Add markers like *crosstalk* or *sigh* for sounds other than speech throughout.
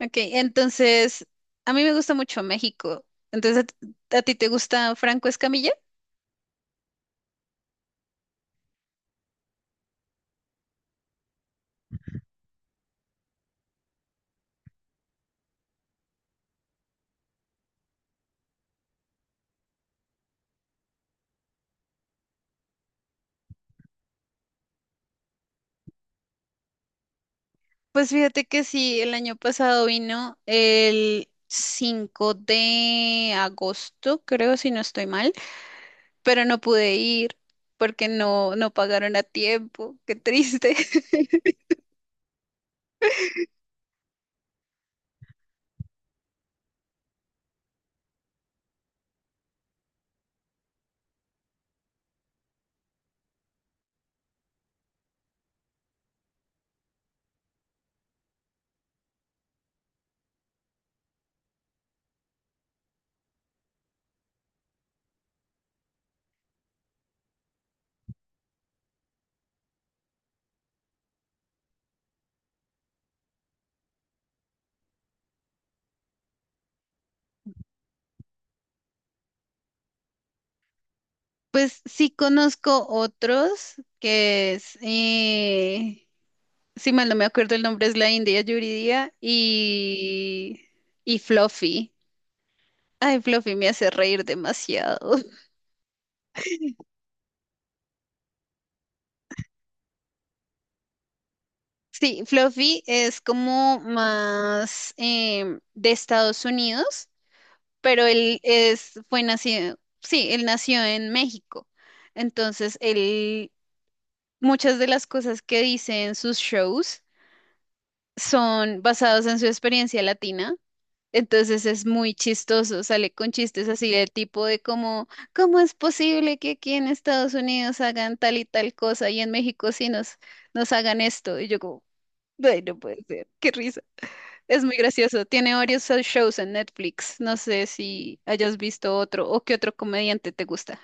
Ok, entonces, a mí me gusta mucho México. Entonces, ¿A ti te gusta Franco Escamilla? Pues fíjate que sí, el año pasado vino el 5 de agosto, creo, si no estoy mal, pero no pude ir porque no pagaron a tiempo. Qué triste. *laughs* Pues sí conozco otros, que es, si mal no me acuerdo el nombre, es la India Yuridia y Fluffy. Ay, Fluffy me hace reír demasiado. *laughs* Sí, Fluffy es como más de Estados Unidos, pero él es, fue nacido, sí, él nació en México. Entonces, él, muchas de las cosas que dice en sus shows son basadas en su experiencia latina. Entonces es muy chistoso, sale con chistes así del tipo de como, ¿cómo es posible que aquí en Estados Unidos hagan tal y tal cosa y en México sí nos hagan esto? Y yo como, ay, no puede ser, qué risa. Es muy gracioso. Tiene varios shows en Netflix. No sé si hayas visto otro o qué otro comediante te gusta.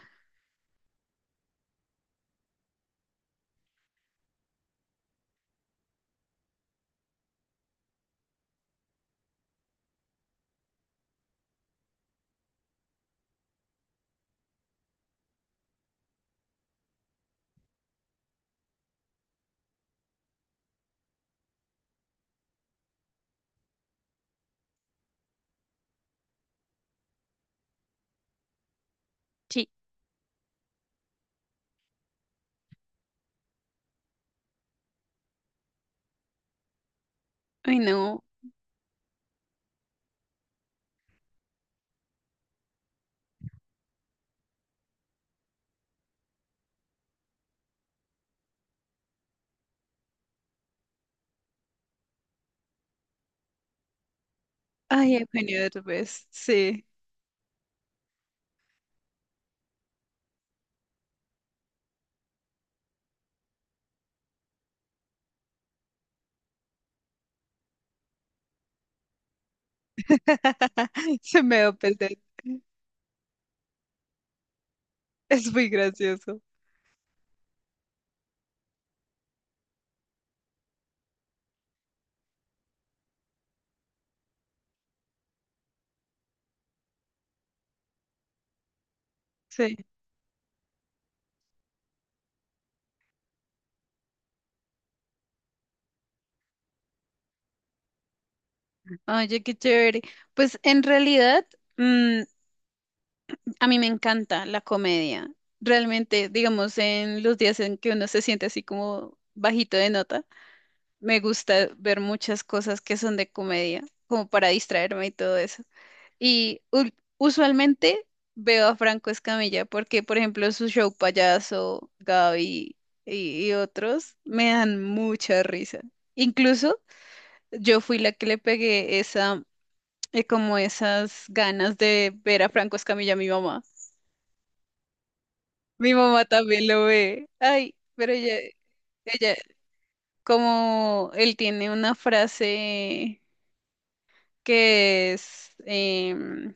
Sí. Ay, no. Ay, Eugenio Derbez. Sí. *laughs* Se me va a perder. Es muy gracioso. Sí. Oye, qué chévere. Pues en realidad, mm, a mí me encanta la comedia. Realmente, digamos, en los días en que uno se siente así como bajito de nota, me gusta ver muchas cosas que son de comedia, como para distraerme y todo eso. Y usualmente veo a Franco Escamilla porque, por ejemplo, su show Payaso, Gaby y otros me dan mucha risa. Incluso yo fui la que le pegué esa como esas ganas de ver a Franco Escamilla, mi mamá. Mi mamá también lo ve. Ay, pero ella, como él tiene una frase que es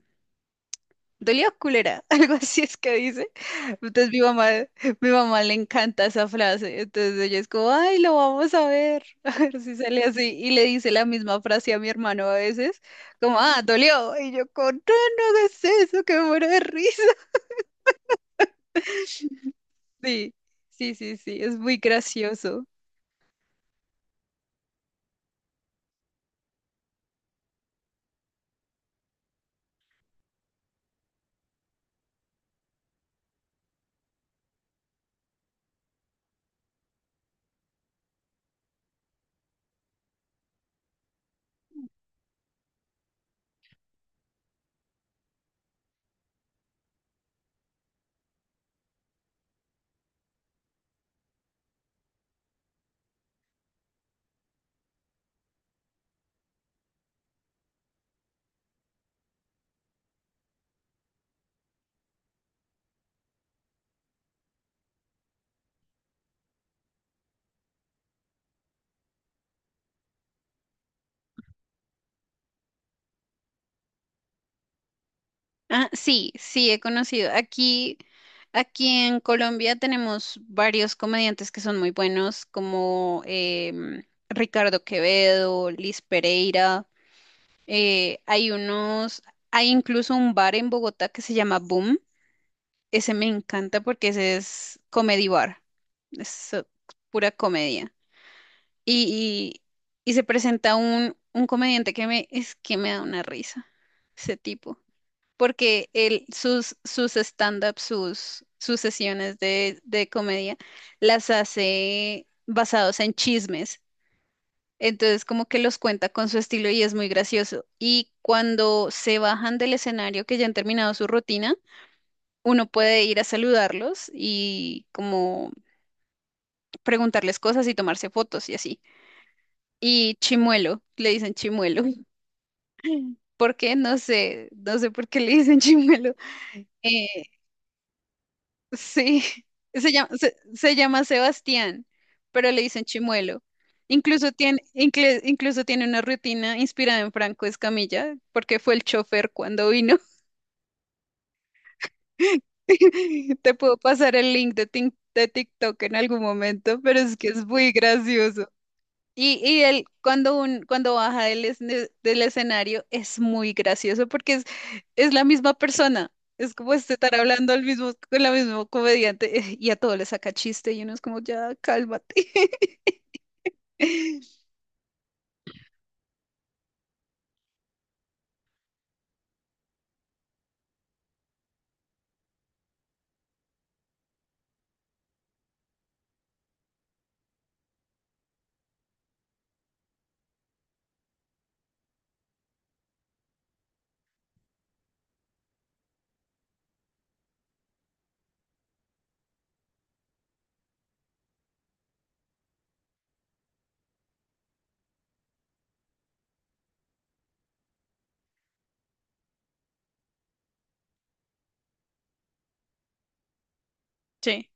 dolió culera, *laughs* algo así es que dice. Entonces mi mamá le encanta esa frase. Entonces ella es como, ay, lo vamos a ver, *laughs* a ver si sale así. Y le dice la misma frase a mi hermano a veces, como, ah, dolió. Y yo con, no, no hagas eso, que me muero de risa. Sí, sí, sí, sí, es muy gracioso. Ah, sí, sí, he conocido. Aquí en Colombia tenemos varios comediantes que son muy buenos, como Ricardo Quevedo, Liz Pereira. Hay hay incluso un bar en Bogotá que se llama Boom. Ese me encanta porque ese es comedy bar. Es pura comedia. Y, y se presenta un comediante es que me da una risa, ese tipo, porque él, sus stand-up, sus sesiones de comedia, las hace basados en chismes. Entonces, como que los cuenta con su estilo y es muy gracioso. Y cuando se bajan del escenario, que ya han terminado su rutina, uno puede ir a saludarlos y como preguntarles cosas y tomarse fotos y así. Y Chimuelo, le dicen Chimuelo. ¿Por qué? No sé por qué le dicen *laughs* chimuelo. Eh, sí, *laughs* se llama Sebastián, pero le dicen chimuelo. Incluso incluso tiene una rutina inspirada en Franco Escamilla, porque fue el chofer cuando vino. *laughs* Te puedo pasar el link de, de TikTok en algún momento, pero es que es muy gracioso. Y él, cuando baja del, del escenario, es muy gracioso porque es la misma persona. Es como este estar hablando al mismo, con la misma comediante y a todo le saca chiste y uno es como, ya, cálmate. *laughs* Sí.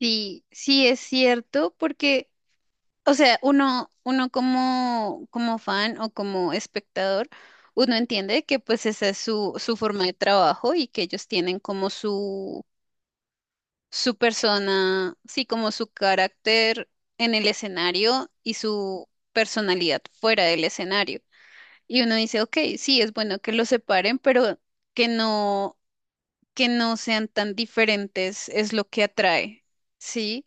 Sí, sí es cierto porque, o sea, uno como, como fan o como espectador, uno entiende que pues esa es su forma de trabajo y que ellos tienen como su persona, sí, como su carácter en el escenario y su personalidad fuera del escenario. Y uno dice, ok, sí, es bueno que los separen, pero que no, que no sean tan diferentes es lo que atrae, ¿sí?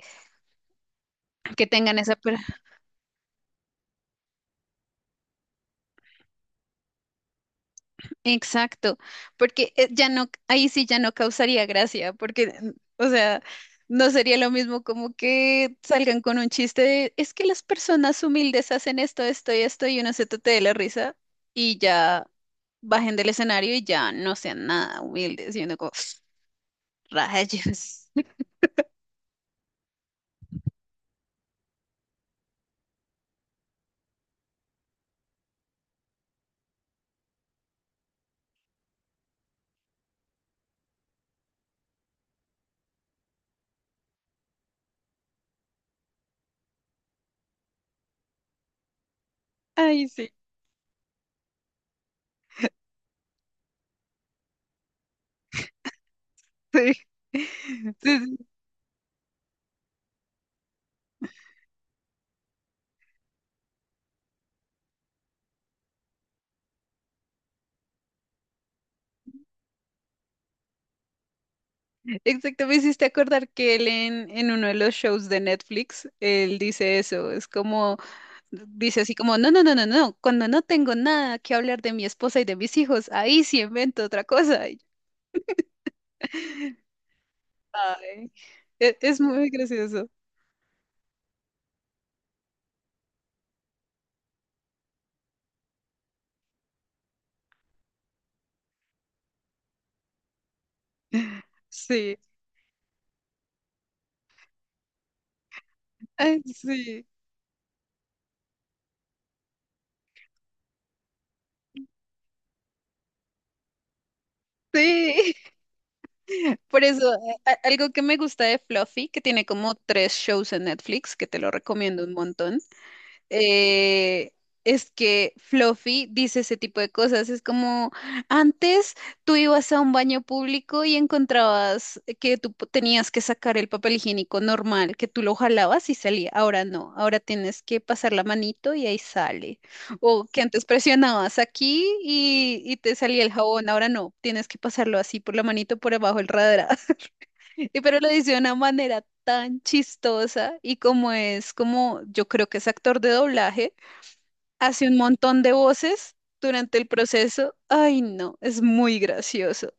Que tengan esa, exacto, porque ya no, ahí sí ya no causaría gracia, porque, o sea, no sería lo mismo como que salgan con un chiste de, es que las personas humildes hacen esto, esto y esto, y uno se tote de la risa y ya bajen del escenario y ya no sean nada humildes, y uno como, *sniffs* rayos. *laughs* Ay, sí. Sí, *laughs* sí, sí. Exacto, me hiciste acordar que él en uno de los shows de Netflix, él dice eso, es como... dice así como, no, no, no, no, no, cuando no tengo nada que hablar de mi esposa y de mis hijos, ahí sí invento otra cosa. Y yo, ay, es, muy gracioso. Sí, ay, sí, sí. *laughs* Por eso, algo que me gusta de Fluffy, que tiene como tres shows en Netflix, que te lo recomiendo un montón eh, es que Fluffy dice ese tipo de cosas. Es como, antes tú ibas a un baño público y encontrabas que tenías que sacar el papel higiénico normal, que tú lo jalabas y salía. Ahora no, ahora tienes que pasar la manito y ahí sale. O que antes presionabas aquí y te salía el jabón, ahora no, tienes que pasarlo así por la manito por abajo el radar. *laughs* Y pero lo dice de una manera tan chistosa y como es como yo creo que es actor de doblaje, hace un montón de voces durante el proceso. Ay, no, es muy gracioso.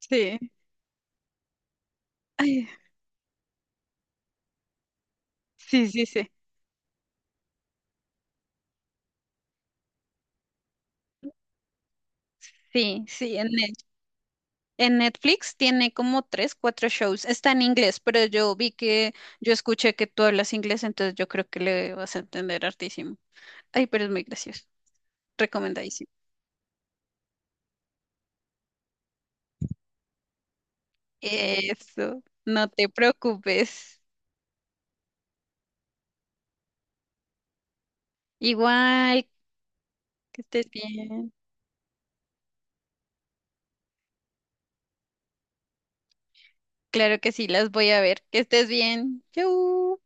Sí. Ay, sí, sí, sí. Sí, sí, en Netflix tiene como tres, cuatro shows. Está en inglés, pero yo escuché que tú hablas inglés, entonces yo creo que le vas a entender hartísimo. Ay, pero es muy gracioso. Recomendadísimo. Eso, no te preocupes. Igual, que estés bien. Claro que sí, las voy a ver. Que estés bien. Chau.